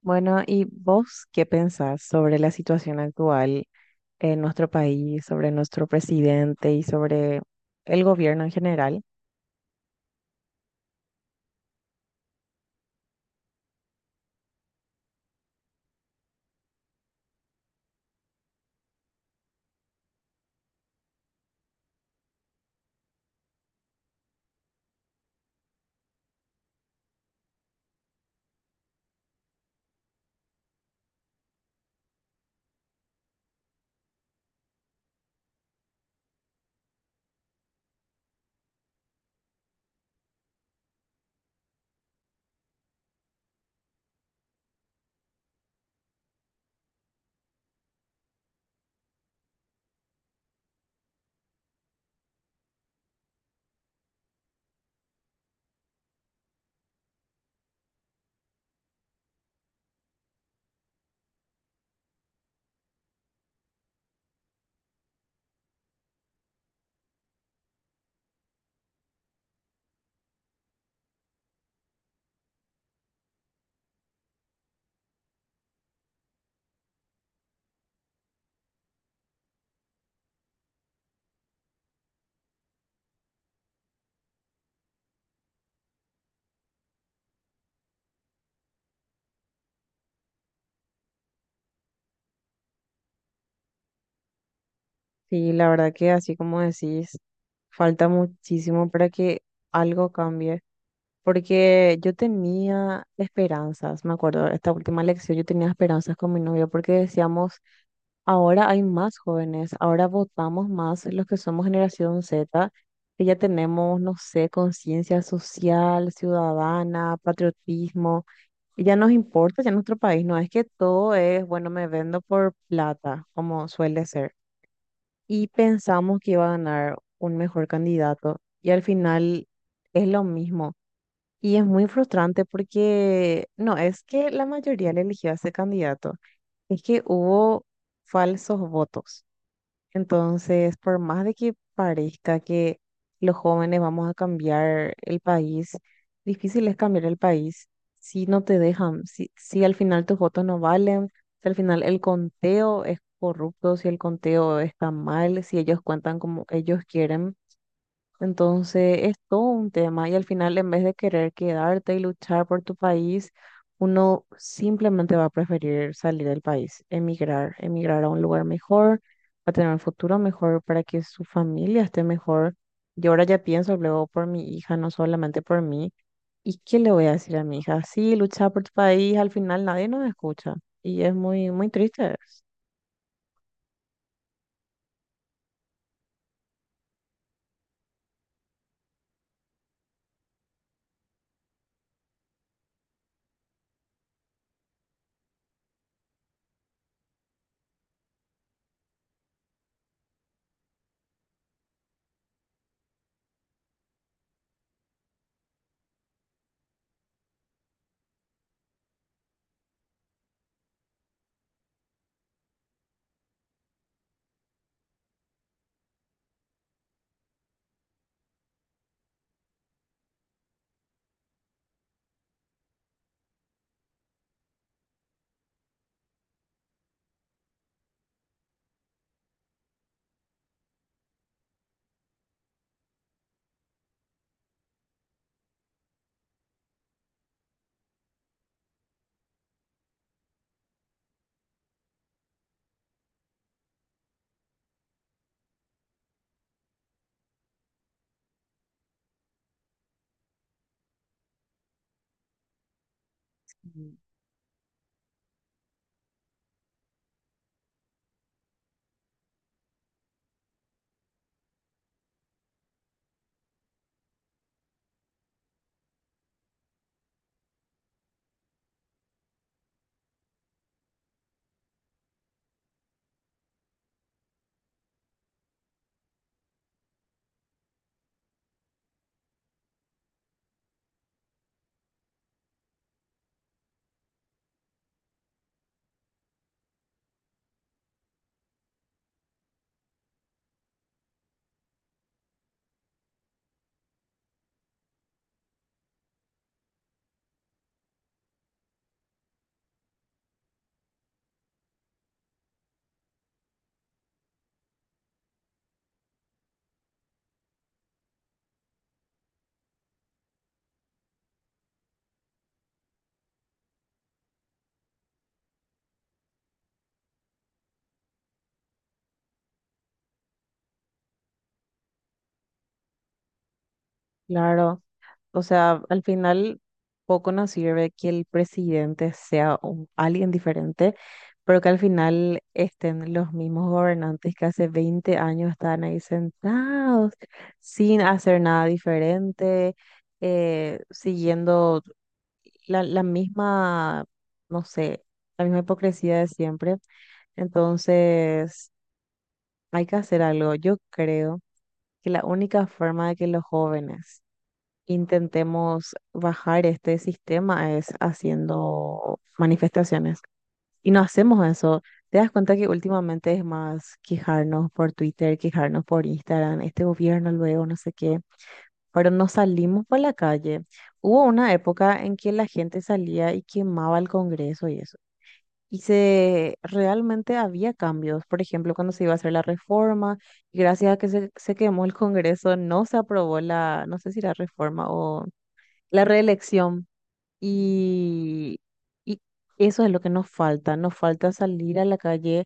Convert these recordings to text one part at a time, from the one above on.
Bueno, ¿y vos qué pensás sobre la situación actual en nuestro país, sobre nuestro presidente y sobre el gobierno en general? Sí, la verdad que así como decís, falta muchísimo para que algo cambie. Porque yo tenía esperanzas, me acuerdo, esta última lección yo tenía esperanzas con mi novio porque decíamos, ahora hay más jóvenes, ahora votamos más los que somos generación Z, que ya tenemos, no sé, conciencia social, ciudadana, patriotismo, y ya nos importa, ya nuestro país, no es que todo es, bueno, me vendo por plata, como suele ser. Y pensamos que iba a ganar un mejor candidato y al final es lo mismo. Y es muy frustrante porque no es que la mayoría le eligió a ese candidato, es que hubo falsos votos. Entonces, por más de que parezca que los jóvenes vamos a cambiar el país, difícil es cambiar el país si no te dejan, si al final tus votos no valen, si al final el conteo es corrupto, si el conteo está mal, si ellos cuentan como ellos quieren. Entonces es todo un tema y al final en vez de querer quedarte y luchar por tu país, uno simplemente va a preferir salir del país, emigrar, emigrar a un lugar mejor, a tener un futuro mejor para que su familia esté mejor. Yo ahora ya pienso luego por mi hija, no solamente por mí. ¿Y qué le voy a decir a mi hija? Sí, lucha por tu país, al final nadie nos escucha y es muy, muy triste. Mm. Claro. O sea, al final poco nos sirve que el presidente sea alguien diferente, pero que al final estén los mismos gobernantes que hace 20 años están ahí sentados sin hacer nada diferente, siguiendo la misma, no sé, la misma hipocresía de siempre. Entonces, hay que hacer algo. Yo creo que la única forma de que los jóvenes intentemos bajar este sistema es haciendo manifestaciones. Y no hacemos eso. ¿Te das cuenta que últimamente es más quejarnos por Twitter, quejarnos por Instagram, este gobierno luego, no sé qué? Pero no salimos por la calle. Hubo una época en que la gente salía y quemaba el Congreso y eso. Y se realmente había cambios. Por ejemplo, cuando se iba a hacer la reforma, y gracias a que se quemó el Congreso, no se aprobó la, no sé si la reforma o la reelección. Y, y eso es lo que nos falta. Nos falta salir a la calle.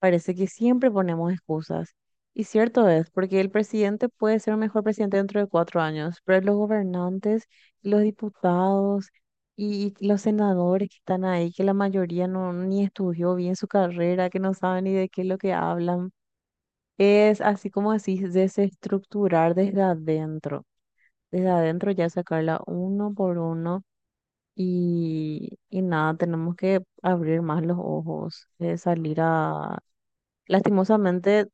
Parece que siempre ponemos excusas. Y cierto es, porque el presidente puede ser un mejor presidente dentro de 4 años, pero los gobernantes, los diputados y los senadores que están ahí, que la mayoría no ni estudió bien su carrera, que no saben ni de qué es lo que hablan, es así como decís, desestructurar desde adentro. Desde adentro ya sacarla uno por uno y nada, tenemos que abrir más los ojos, salir a. Lastimosamente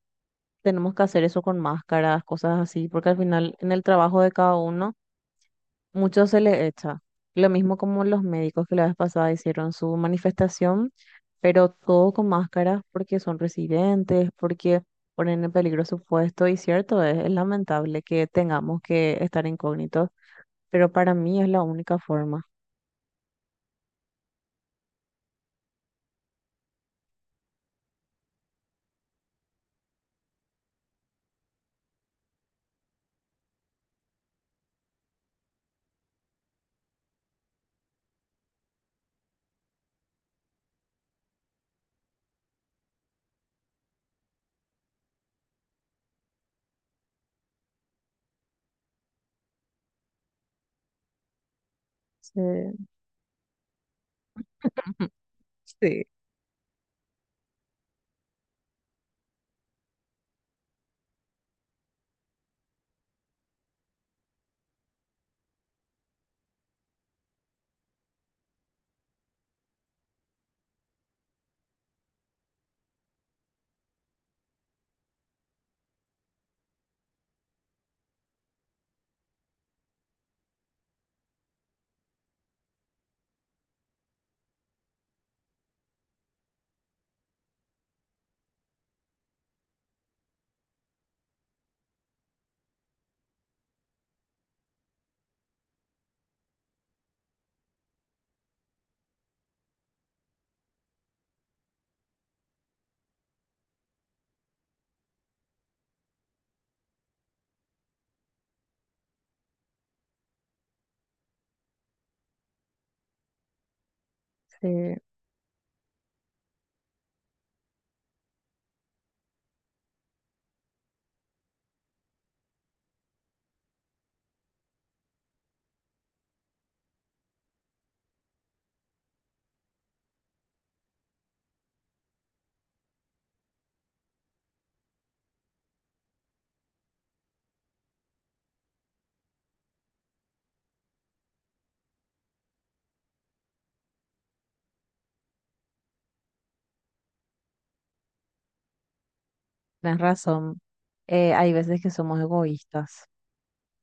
tenemos que hacer eso con máscaras, cosas así, porque al final en el trabajo de cada uno mucho se le echa. Lo mismo como los médicos que la vez pasada hicieron su manifestación, pero todo con máscaras porque son residentes, porque ponen en peligro su puesto y cierto, es lamentable que tengamos que estar incógnitos, pero para mí es la única forma. Sí. Sí. Sí, tienes razón. Hay veces que somos egoístas.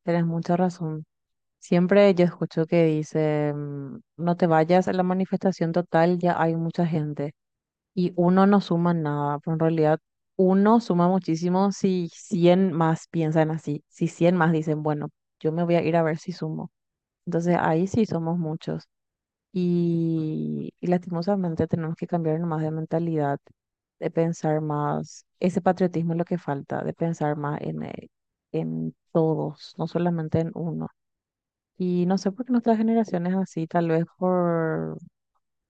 Tienes mucha razón. Siempre yo escucho que dice, no te vayas a la manifestación total, ya hay mucha gente. Y uno no suma nada, pero en realidad uno suma muchísimo si 100 más piensan así, si 100 más dicen, bueno, yo me voy a ir a ver si sumo. Entonces ahí sí somos muchos. Y lastimosamente tenemos que cambiar más de mentalidad, de pensar más, ese patriotismo es lo que falta, de pensar más en todos, no solamente en uno. Y no sé por qué nuestra generación es así, tal vez por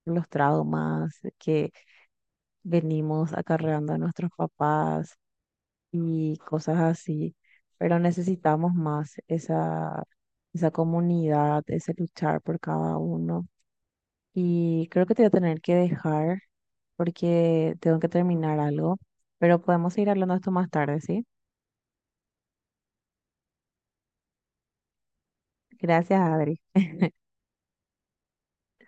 los traumas que venimos acarreando a nuestros papás y cosas así, pero necesitamos más esa comunidad, ese luchar por cada uno. Y creo que te voy a tener que dejar porque tengo que terminar algo, pero podemos seguir hablando de esto más tarde, ¿sí? Gracias, Adri.